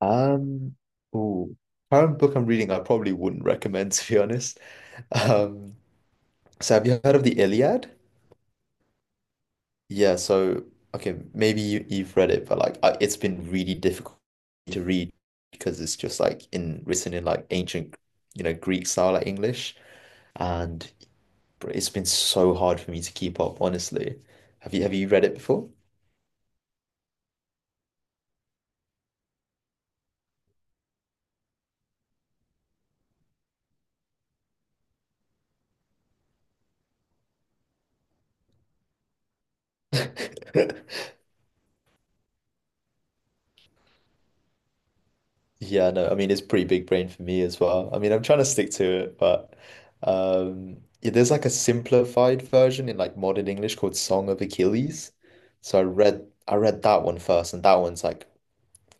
Um, ooh, Current book I'm reading, I probably wouldn't recommend to be honest. Um, so have you heard of the Iliad? Yeah, so okay, maybe you've read it, but like it's been really difficult to read because it's just like in written in like ancient, Greek style like English, and it's been so hard for me to keep up, honestly. Have you read it before? Yeah, no, I mean it's pretty big brain for me as well. I mean I'm trying to stick to it, but yeah, there's like a simplified version in like modern English called Song of Achilles. So I read that one first and that one's like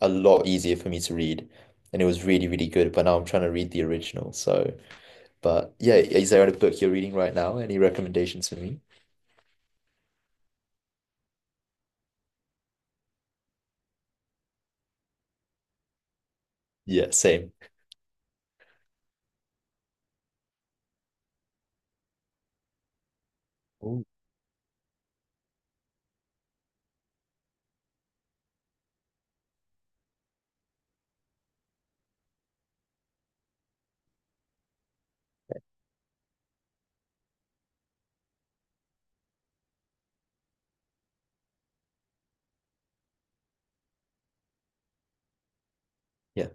a lot easier for me to read. And it was really, really good, but now I'm trying to read the original. So, but yeah, is there a book you're reading right now? Any recommendations for me? Yeah, same. Oh, yeah.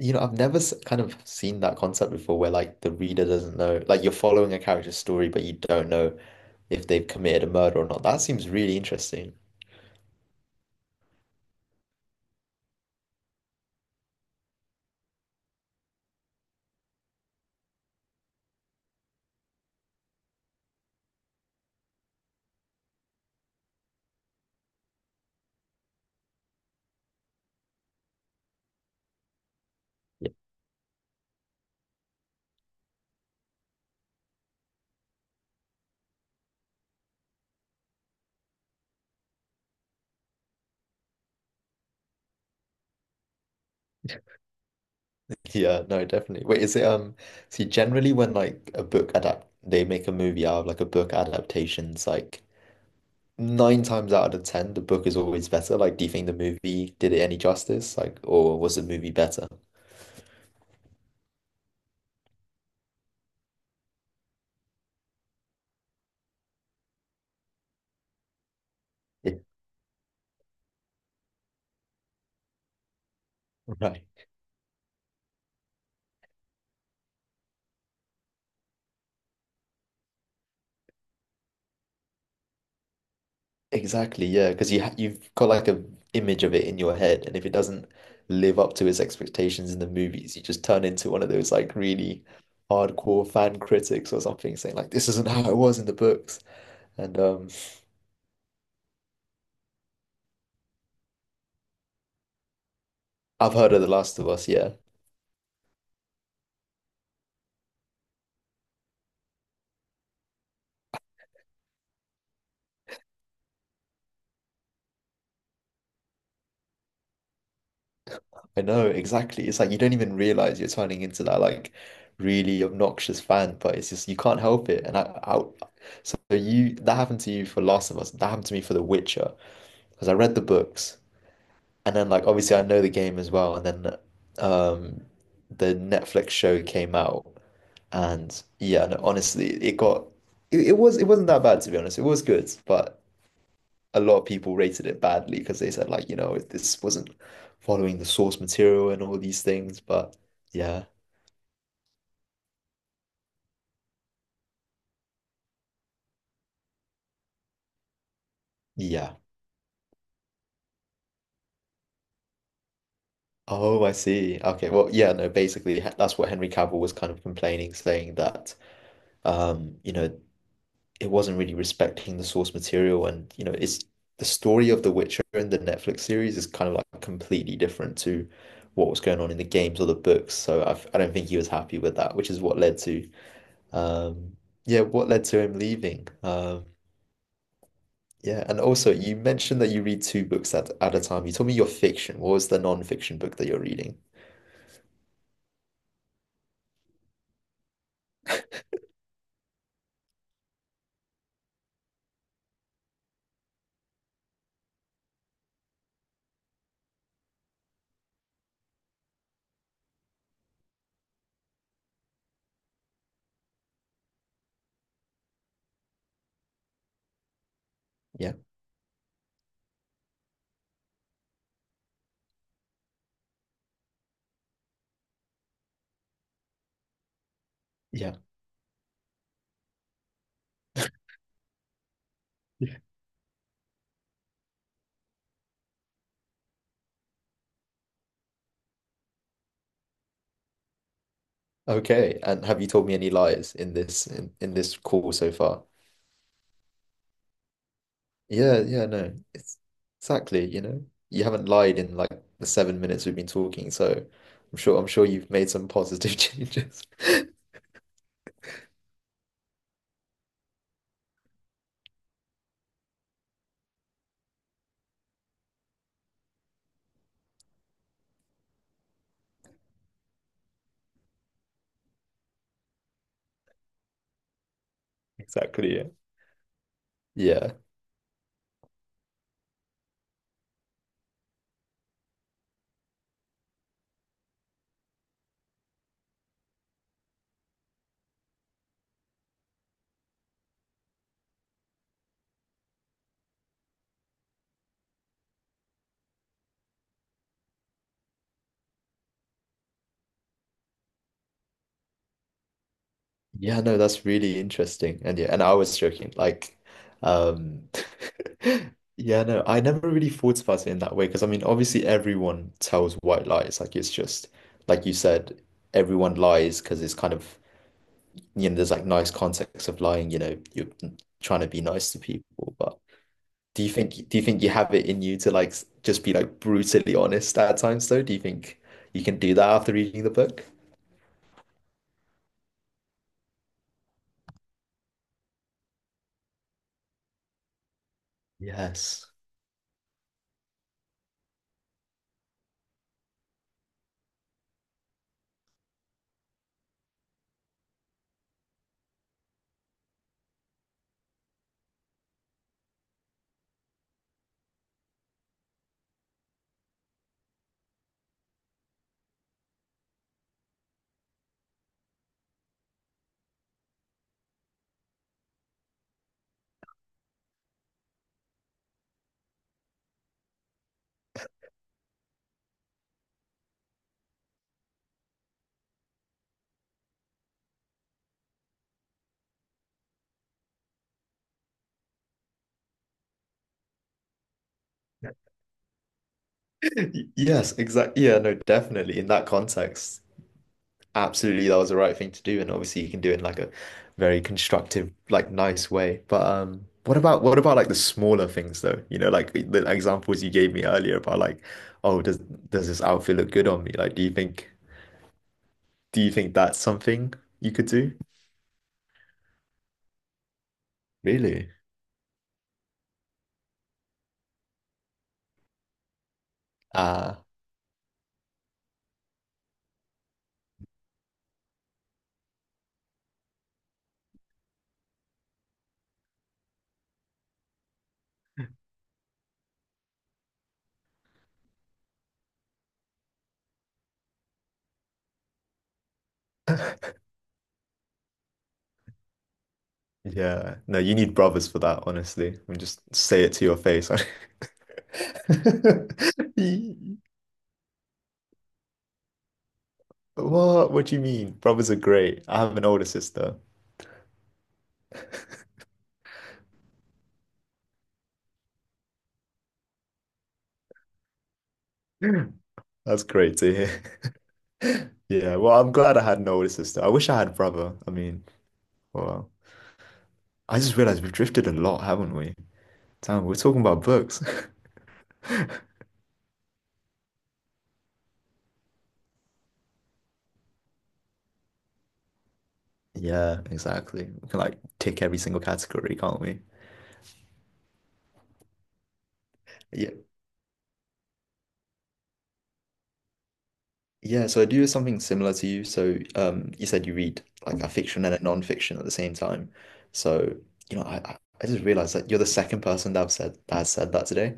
You know, I've never kind of seen that concept before where like the reader doesn't know, like you're following a character's story, but you don't know if they've committed a murder or not. That seems really interesting. Yeah. Yeah, no, definitely. Wait, is it, see, generally when like a book adapt they make a movie out of like a book adaptations like nine times out of ten the book is always better. Like do you think the movie did it any justice? Like or was the movie better? Yeah. Right. Exactly, yeah, because you've got like a image of it in your head and if it doesn't live up to its expectations in the movies, you just turn into one of those like really hardcore fan critics or something saying like this isn't how it was in the books. And I've heard of The Last of Us, yeah. I know exactly. It's like you don't even realize you're turning into that like really obnoxious fan, but it's just you can't help it. And I so you that happened to you for Last of Us. That happened to me for The Witcher because I read the books and then like obviously I know the game as well. And then um the Netflix show came out and yeah, no, honestly, it got it, it was it wasn't that bad to be honest. It was good, but a lot of people rated it badly because they said like, you know, this wasn't following the source material and all these things. But yeah, yeah. Oh, I see. Okay, well, yeah, no, basically that's what Henry Cavill was kind of complaining, saying that um, you know, it wasn't really respecting the source material and, you know, it's the story of The Witcher and the Netflix series is kind of like completely different to what was going on in the games or the books. So I don't think he was happy with that, which is what led to um, yeah, what led to him leaving? Yeah, and also you mentioned that you read two books at a time. You told me your fiction. What was the non-fiction book that you're reading? Yeah, yeah. Yeah. Okay, and have you told me any lies in this call so far? Yeah, yeah, no. It's exactly, you know. You haven't lied in like the 7 minutes we've been talking, so I'm sure you've made some positive changes. Exactly. Yeah. Yeah. Yeah, no, that's really interesting. And yeah, and I was joking. Like, um, yeah, no, I never really thought about it in that way. Because I mean, obviously everyone tells white lies. Like it's just like you said, everyone lies because it's kind of, there's like nice context of lying, you're trying to be nice to people. But do you think you have it in you to like just be like brutally honest at times though? Do you think you can do that after reading the book? Yes. Yes, exactly. Yeah, no, definitely. In that context, absolutely, that was the right thing to do. And obviously, you can do it in like a very constructive, like nice way. But what about like the smaller things though? You know, like the examples you gave me earlier about like, oh, does this outfit look good on me? Like, do you think that's something you could do? Really? Ah, yeah. No, you need brothers for that, honestly. And just say it to your face. What? What do you mean? Brothers are great. I have an older sister. That's great to hear. Yeah, well, I'm glad I had an older sister. I wish I had a brother. I mean, well, I just realized we've drifted a lot, haven't we? Damn, we're talking about books. Yeah, exactly. We can like tick every single category, can't we? Yeah. Yeah, so I do something similar to you. So, you said you read like a fiction and a non-fiction at the same time. So, you know, I just realized that you're the second person that I've said that has said that today.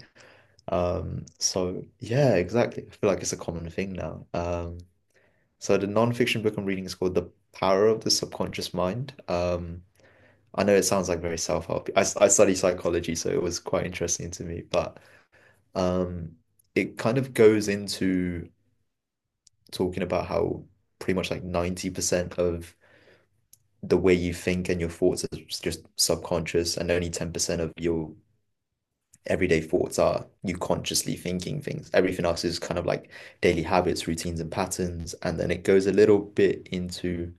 So yeah, exactly. I feel like it's a common thing now. So the non-fiction book I'm reading is called The Power of the Subconscious Mind. I know it sounds like very self-help. I study psychology, so it was quite interesting to me, but um, it kind of goes into talking about how pretty much like 90% of the way you think and your thoughts is just subconscious, and only 10% of your everyday thoughts are you consciously thinking things. Everything else is kind of like daily habits, routines, and patterns. And then it goes a little bit into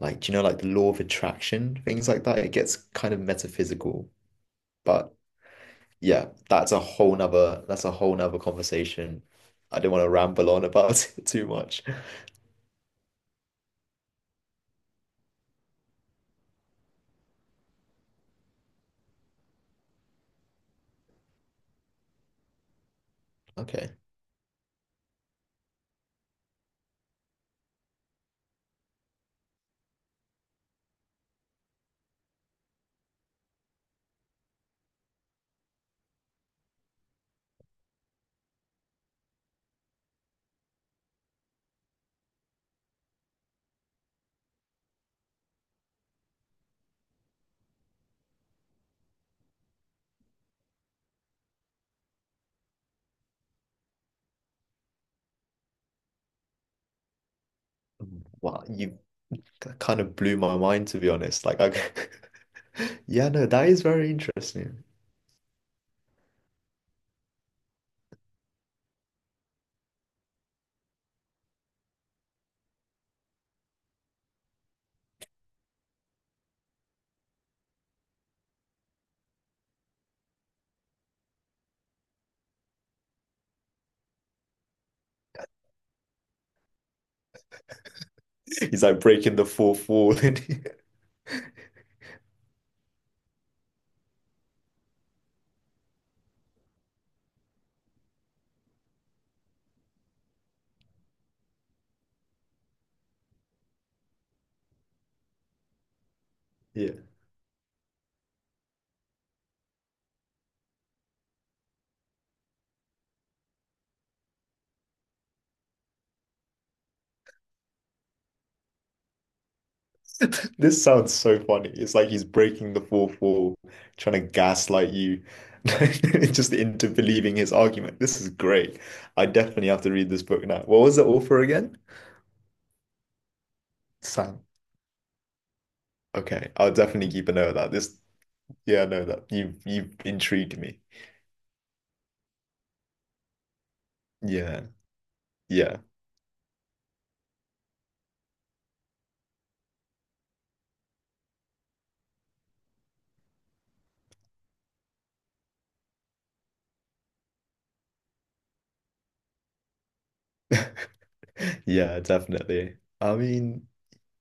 like, like the law of attraction, things like that. It gets kind of metaphysical. But yeah, that's a whole nother conversation. I don't want to ramble on about it too much. Okay. Wow, you kind of blew my mind to be honest. Like I Yeah, no, that is very interesting. He's like breaking the fourth wall. Yeah. This sounds so funny. It's like he's breaking the fourth wall, trying to gaslight you, just into believing his argument. This is great. I definitely have to read this book now. What was the author again? Sam. Okay, I'll definitely keep a note of that. Yeah, I know that you've intrigued me. Yeah, yeah, yeah, definitely. I mean,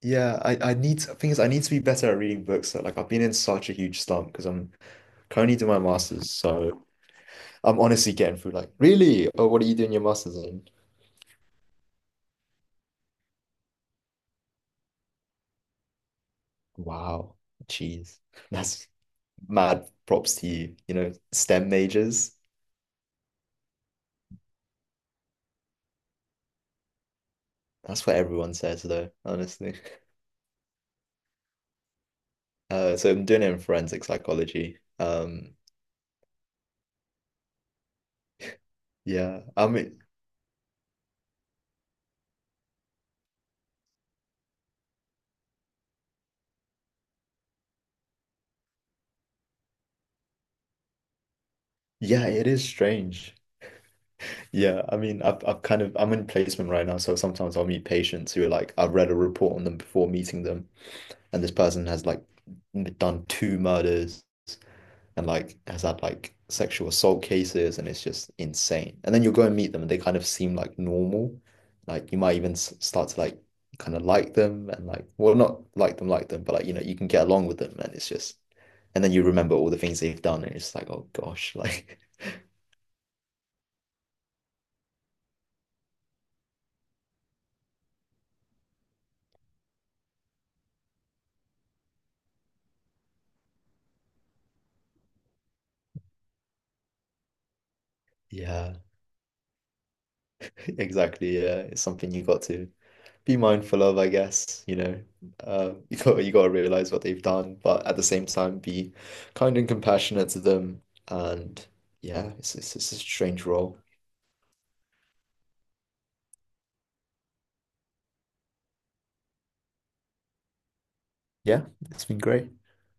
yeah, I need to, thing is I need to be better at reading books. So, like I've been in such a huge slump because I'm currently doing my master's, so. I'm honestly getting through like, really? Oh, what are you doing your master's in? Wow, jeez. That's mad props to you. You know, STEM majors. That's what everyone says though, honestly. So I'm doing it in forensic psychology. Yeah, I mean, yeah, it is strange. Yeah, I mean, I'm in placement right now, so sometimes I'll meet patients who are like, I've read a report on them before meeting them, and this person has like done two murders and like has had like sexual assault cases and it's just insane. And then you'll go and meet them and they kind of seem like normal. Like you might even start to like kind of like them and like well not like them like them but like you can get along with them and it's just and then you remember all the things they've done and it's like oh gosh like yeah, exactly, yeah, it's something you got to be mindful of, I guess, you know, you got to realize what they've done, but at the same time, be kind and compassionate to them. And yeah, it's a strange role. Yeah, it's been great.